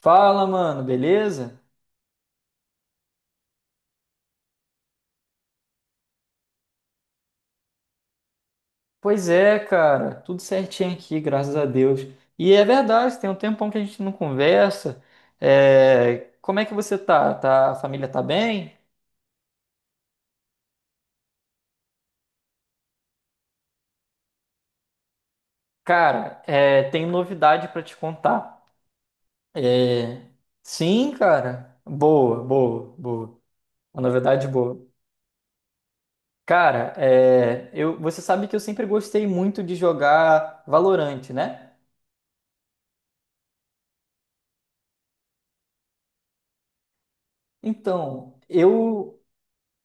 Fala, mano, beleza? Pois é, cara, tudo certinho aqui, graças a Deus. E é verdade, tem um tempão que a gente não conversa. Como é que você tá? A família tá bem? Cara, tem novidade pra te contar. É, Sim, cara. Boa, boa, boa. Uma novidade boa. Cara, você sabe que eu sempre gostei muito de jogar Valorant, né? Então, eu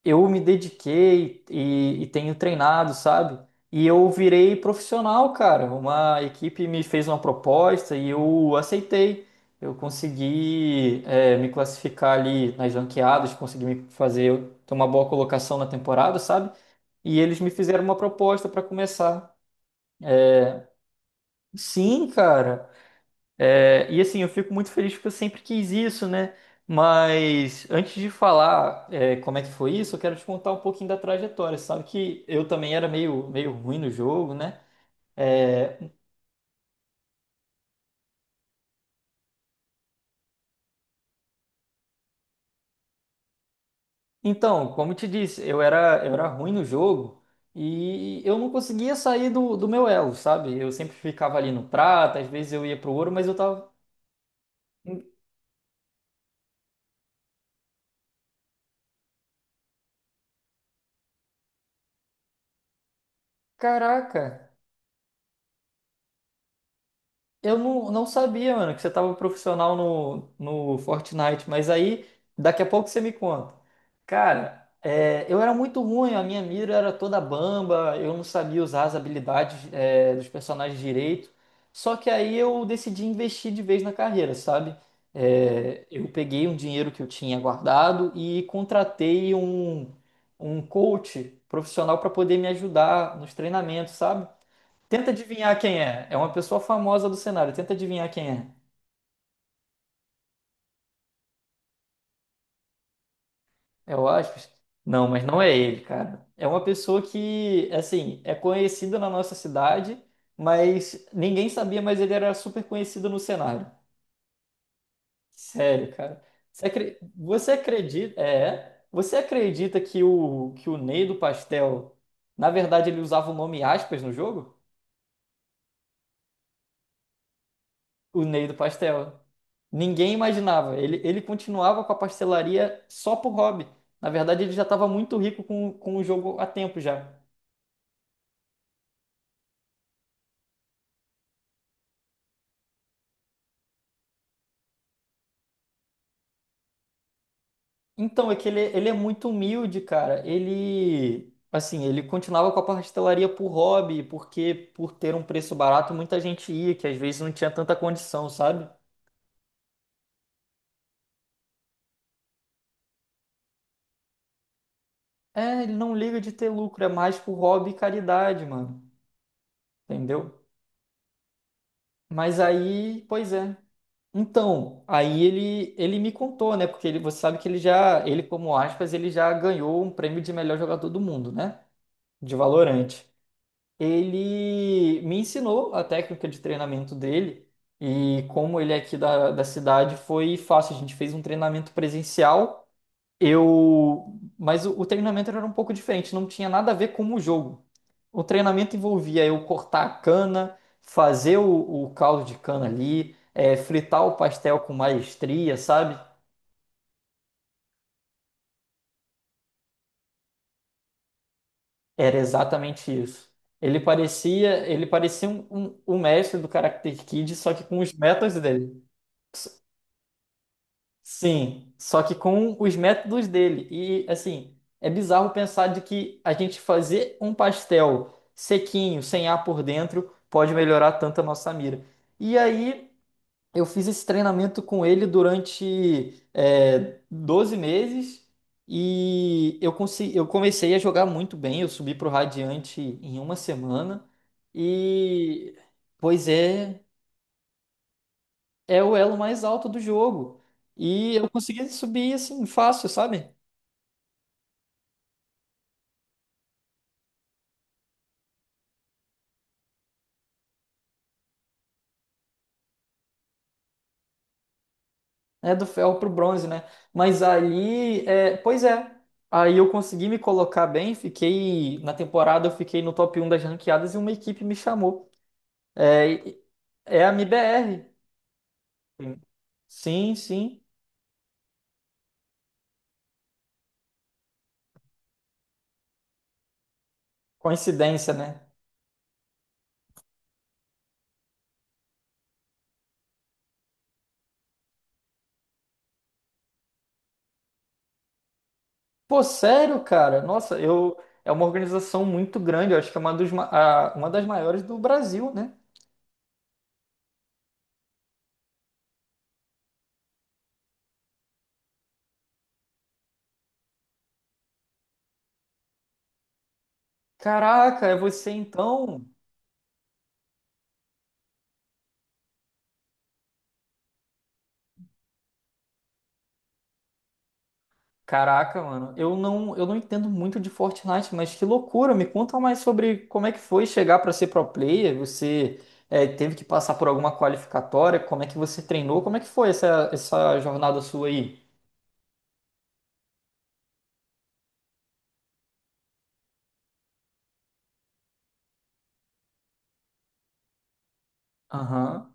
eu me dediquei e tenho treinado, sabe? E eu virei profissional, cara. Uma equipe me fez uma proposta e eu aceitei. Eu consegui, me classificar ali nas ranqueadas, consegui me fazer ter uma boa colocação na temporada, sabe? E eles me fizeram uma proposta para começar. Sim, cara. E assim, eu fico muito feliz porque eu sempre quis isso, né? Mas antes de falar, como é que foi isso, eu quero te contar um pouquinho da trajetória. Você sabe que eu também era meio ruim no jogo, né? É, então, como eu te disse, eu era ruim no jogo e eu não conseguia sair do meu elo, sabe? Eu sempre ficava ali no prata, às vezes eu ia pro ouro, mas eu tava, caraca. Eu não sabia, mano, que você tava profissional no Fortnite, mas aí daqui a pouco você me conta. Cara, eu era muito ruim, a minha mira era toda bamba, eu não sabia usar as habilidades, dos personagens direito. Só que aí eu decidi investir de vez na carreira, sabe? Eu peguei um dinheiro que eu tinha guardado e contratei um coach profissional para poder me ajudar nos treinamentos, sabe? Tenta adivinhar quem é. É uma pessoa famosa do cenário. Tenta adivinhar quem é. É o Aspas? Não, mas não é ele, cara. É uma pessoa que, assim, é conhecida na nossa cidade, mas ninguém sabia, mas ele era super conhecido no cenário. Sério, cara. Você acredita, você acredita que o Ney do Pastel, na verdade, ele usava o nome Aspas no jogo? O Ney do Pastel. Ninguém imaginava. Ele continuava com a pastelaria só por hobby. Na verdade, ele já estava muito rico com o jogo há tempo já. Então, é que ele é muito humilde, cara. Ele, assim, ele continuava com a pastelaria por hobby, porque por ter um preço barato, muita gente ia, que às vezes não tinha tanta condição, sabe? Ele não liga de ter lucro, é mais por hobby e caridade, mano. Entendeu? Mas aí, pois é. Então, aí ele me contou, né? Porque ele, você sabe que ele como aspas, ele já ganhou um prêmio de melhor jogador do mundo, né? De Valorant. Ele me ensinou a técnica de treinamento dele e como ele é aqui da cidade foi fácil. A gente fez um treinamento presencial. Mas o treinamento era um pouco diferente, não tinha nada a ver com o jogo. O treinamento envolvia eu cortar a cana, fazer o caldo de cana ali, fritar o pastel com maestria, sabe? Era exatamente isso. Ele parecia um mestre do Karate Kid, só que com os métodos dele. Sim, só que com os métodos dele. E assim, é bizarro pensar de que a gente fazer um pastel sequinho, sem ar por dentro, pode melhorar tanto a nossa mira. E aí eu fiz esse treinamento com ele durante 12 meses e eu comecei a jogar muito bem. Eu subi para o Radiante em uma semana e, pois é, é o elo mais alto do jogo. E eu consegui subir assim fácil, sabe? É do ferro para o bronze, né? Mas aí, pois é, aí eu consegui me colocar bem. Fiquei na temporada, eu fiquei no top um das ranqueadas e uma equipe me chamou. É, e- é a MIBR. Sim, sim. Coincidência, né? Pô, sério, cara? Nossa, eu é uma organização muito grande. Eu acho que é uma, dos, ma- a- uma das maiores do Brasil, né? Caraca, é você então? Caraca, mano. Eu não entendo muito de Fortnite, mas que loucura. Me conta mais sobre como é que foi chegar pra ser pro player. Você teve que passar por alguma qualificatória? Como é que você treinou? Como é que foi essa jornada sua aí? Aham.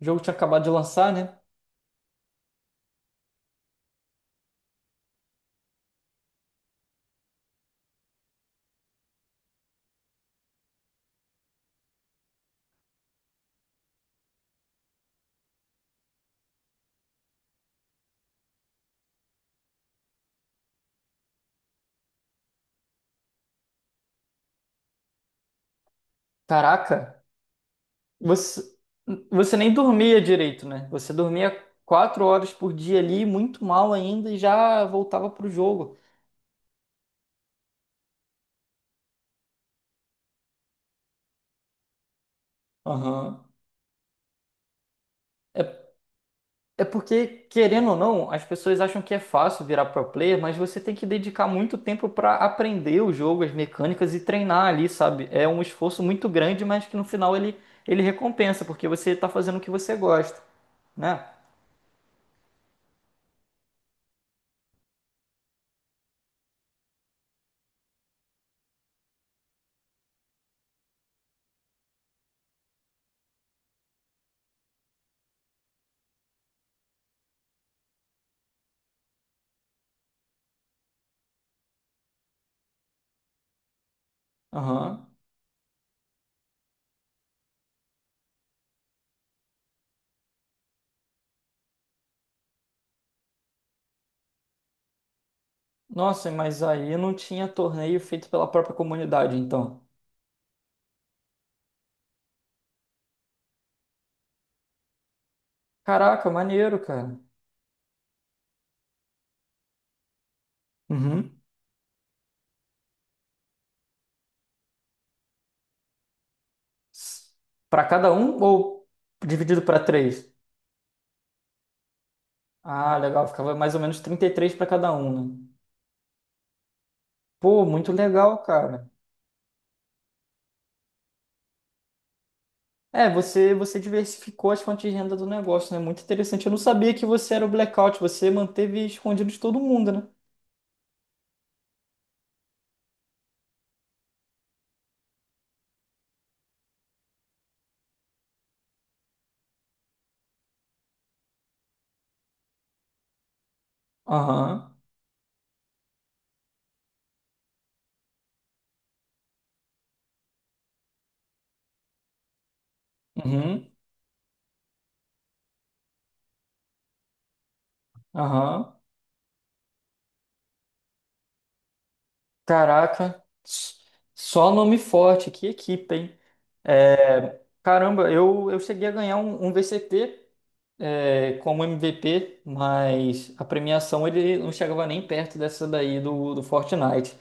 O jogo tinha acabado de lançar, né? Caraca, você, você nem dormia direito, né? Você dormia 4 horas por dia ali, muito mal ainda, e já voltava pro jogo. Aham. É, é porque, querendo ou não, as pessoas acham que é fácil virar pro player, mas você tem que dedicar muito tempo para aprender o jogo, as mecânicas e treinar ali, sabe? É um esforço muito grande, mas que no final ele, recompensa, porque você tá fazendo o que você gosta, né? Aham. Nossa, mas aí não tinha torneio feito pela própria comunidade, então. Caraca, maneiro, cara. Uhum. S- Pra cada um ou dividido pra três? Ah, legal, ficava mais ou menos 33 pra cada um, né? Pô, muito legal, cara. É, você diversificou as fontes de renda do negócio, né? Muito interessante. Eu não sabia que você era o blackout, você manteve escondido de todo mundo, né? Aham. Uhum. Aham. Caraca. Só nome forte, que equipe, hein? Caramba, eu cheguei a ganhar um, VCT como MVP, mas a premiação ele não chegava nem perto dessa daí do Fortnite.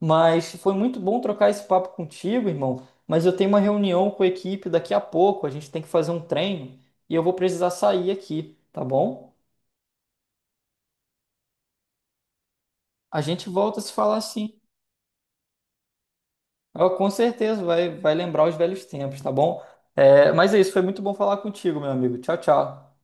Mas foi muito bom trocar esse papo contigo, irmão. Mas eu tenho uma reunião com a equipe daqui a pouco, a gente tem que fazer um treino e eu vou precisar sair aqui, tá bom? A gente volta a se falar assim. Com certeza vai lembrar os velhos tempos, tá bom? Mas é isso, foi muito bom falar contigo, meu amigo. Tchau, tchau.